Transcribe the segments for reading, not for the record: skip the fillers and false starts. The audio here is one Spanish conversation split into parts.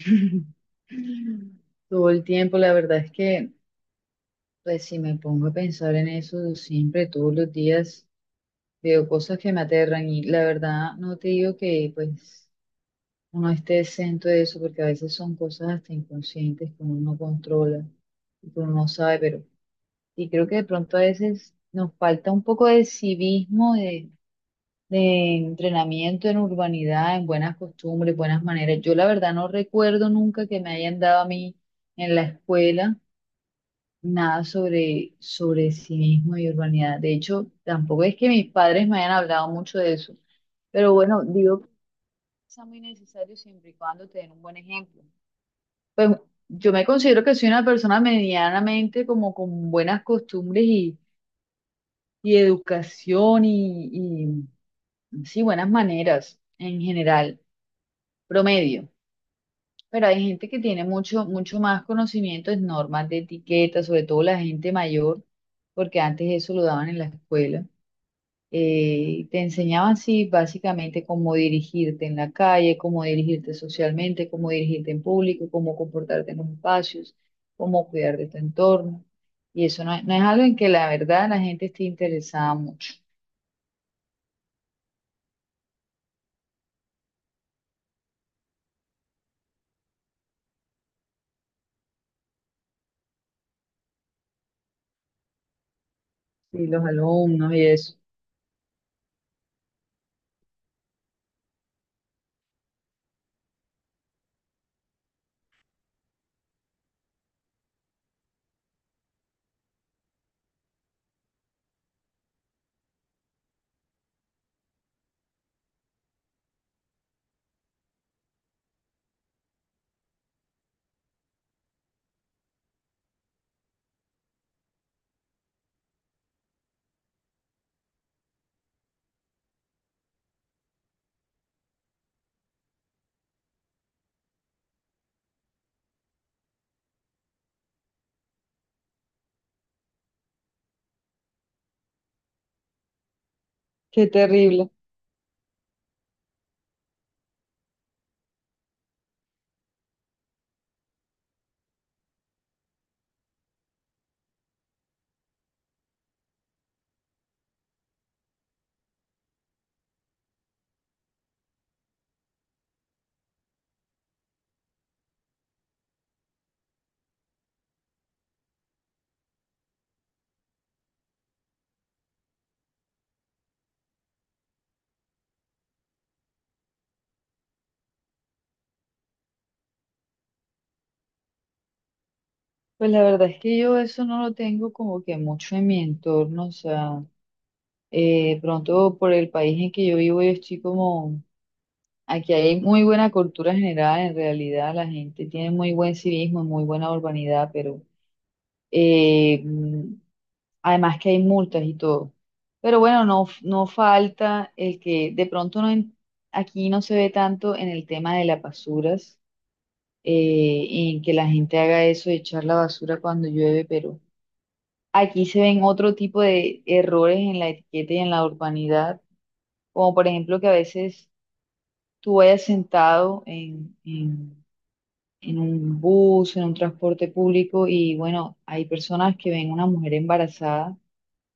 Todo el tiempo, la verdad es que, pues si me pongo a pensar en eso siempre, todos los días, veo cosas que me aterran y la verdad no te digo que pues uno esté exento de eso porque a veces son cosas hasta inconscientes que uno no controla y que uno no sabe, pero y creo que de pronto a veces nos falta un poco de civismo, de entrenamiento en urbanidad, en buenas costumbres, buenas maneras. Yo la verdad no recuerdo nunca que me hayan dado a mí en la escuela nada sobre civismo y urbanidad. De hecho, tampoco es que mis padres me hayan hablado mucho de eso. Pero bueno, digo que es muy necesario siempre y cuando te den un buen ejemplo. Pues yo me considero que soy una persona medianamente como con buenas costumbres y educación y sí, buenas maneras en general, promedio. Pero hay gente que tiene mucho más conocimiento en normas de etiqueta, sobre todo la gente mayor, porque antes eso lo daban en la escuela. Te enseñaban, sí, básicamente cómo dirigirte en la calle, cómo dirigirte socialmente, cómo dirigirte en público, cómo comportarte en los espacios, cómo cuidar de tu entorno. Y eso no, no es algo en que la verdad la gente esté interesada mucho, y los alumnos y eso. Qué terrible. Pues la verdad es que yo eso no lo tengo como que mucho en mi entorno, o sea, pronto por el país en que yo vivo, yo estoy como, aquí hay muy buena cultura general, en realidad la gente tiene muy buen civismo, muy buena urbanidad, pero eh, mm, además que hay multas y todo. Pero bueno, no, no falta el que de pronto no, aquí no se ve tanto en el tema de las basuras, en que la gente haga eso de echar la basura cuando llueve, pero... Aquí se ven otro tipo de errores en la etiqueta y en la urbanidad, como por ejemplo que a veces tú vayas sentado en un bus, en un transporte público y bueno, hay personas que ven una mujer embarazada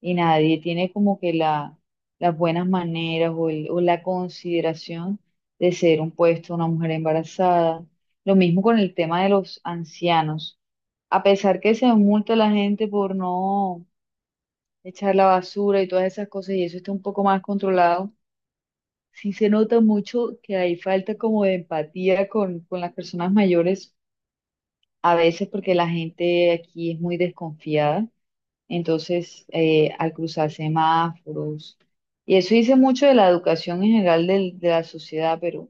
y nadie tiene como que la, las buenas maneras o, o la consideración de ser un puesto una mujer embarazada. Lo mismo con el tema de los ancianos. A pesar que se multa a la gente por no echar la basura y todas esas cosas, y eso está un poco más controlado, sí se nota mucho que hay falta como de empatía con las personas mayores, a veces porque la gente aquí es muy desconfiada, entonces al cruzar semáforos, y eso dice mucho de la educación en general de la sociedad, pero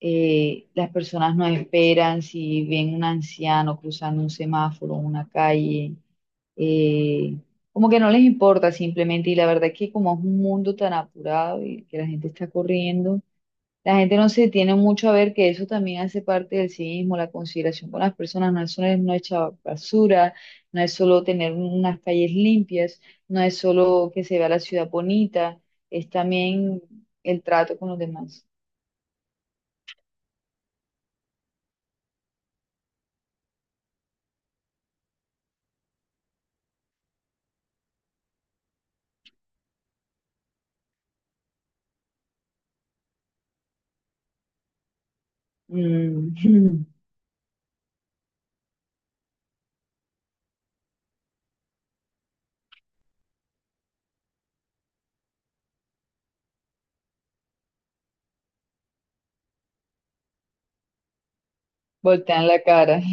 las personas no esperan si ven un anciano cruzando un semáforo, una calle, eh, como que no les importa simplemente y la verdad es que como es un mundo tan apurado y que la gente está corriendo, la gente no se tiene mucho a ver que eso también hace parte del civismo, la consideración con las personas, no es solo no echar basura, no es solo tener unas calles limpias, no es solo que se vea la ciudad bonita, es también el trato con los demás. Mm. Voltean la cara.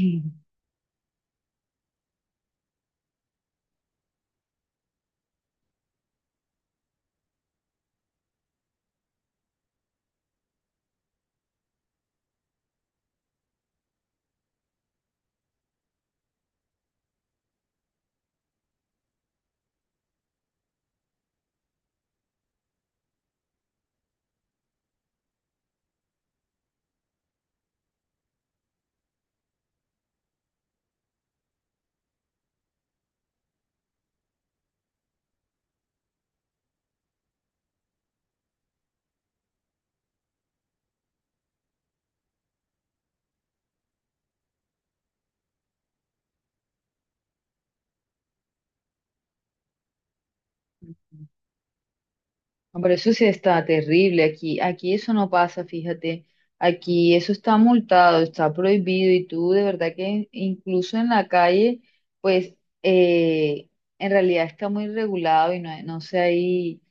Hombre, eso sí está terrible aquí. Aquí eso no pasa, fíjate. Aquí eso está multado, está prohibido y tú de verdad que incluso en la calle, pues eh, en realidad está muy regulado y no, no se ahí,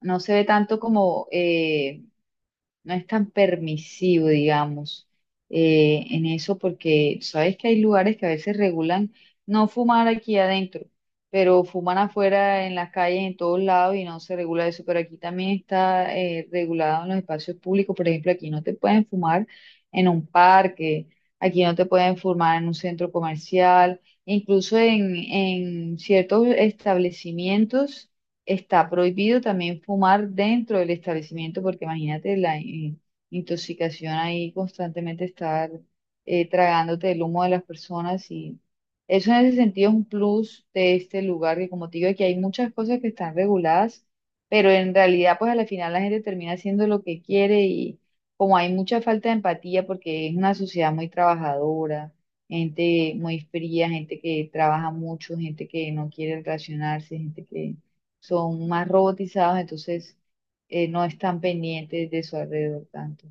no se ve tanto como no es tan permisivo, digamos, en eso, porque sabes que hay lugares que a veces regulan no fumar aquí adentro, pero fuman afuera en las calles, en todos lados, y no se regula eso, pero aquí también está regulado en los espacios públicos, por ejemplo, aquí no te pueden fumar en un parque, aquí no te pueden fumar en un centro comercial, incluso en ciertos establecimientos. Está prohibido también fumar dentro del establecimiento porque imagínate la intoxicación ahí constantemente estar tragándote el humo de las personas y eso en ese sentido es un plus de este lugar que como te digo aquí hay muchas cosas que están reguladas, pero en realidad pues a la final la gente termina haciendo lo que quiere y como hay mucha falta de empatía porque es una sociedad muy trabajadora, gente muy fría, gente que trabaja mucho, gente que no quiere relacionarse, gente que son más robotizados, entonces no están pendientes de su alrededor tanto.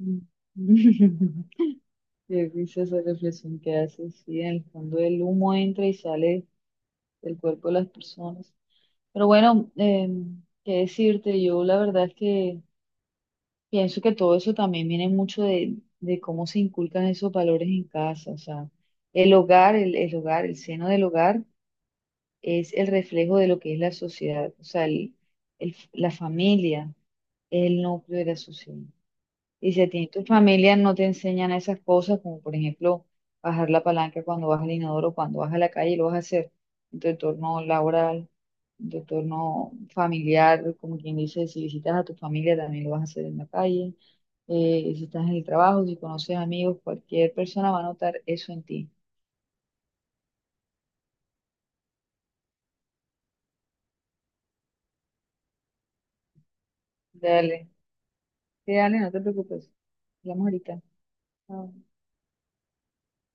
Mm. Qué risa esa reflexión que haces, sí, en el fondo el humo entra y sale del cuerpo de las personas. Pero bueno, qué decirte, yo la verdad es que pienso que todo eso también viene mucho de cómo se inculcan esos valores en casa, o sea, el hogar, el hogar, el seno del hogar es el reflejo de lo que es la sociedad, o sea, la familia, el núcleo de la sociedad. Y si a ti en tu familia no te enseñan esas cosas, como por ejemplo bajar la palanca cuando vas al inodoro, cuando vas a la calle, lo vas a hacer en tu entorno laboral, en tu entorno familiar, como quien dice, si visitas a tu familia también lo vas a hacer en la calle, si estás en el trabajo, si conoces amigos, cualquier persona va a notar eso en ti. Dale, sí, dale, no te preocupes. Hablamos ahorita. Chao.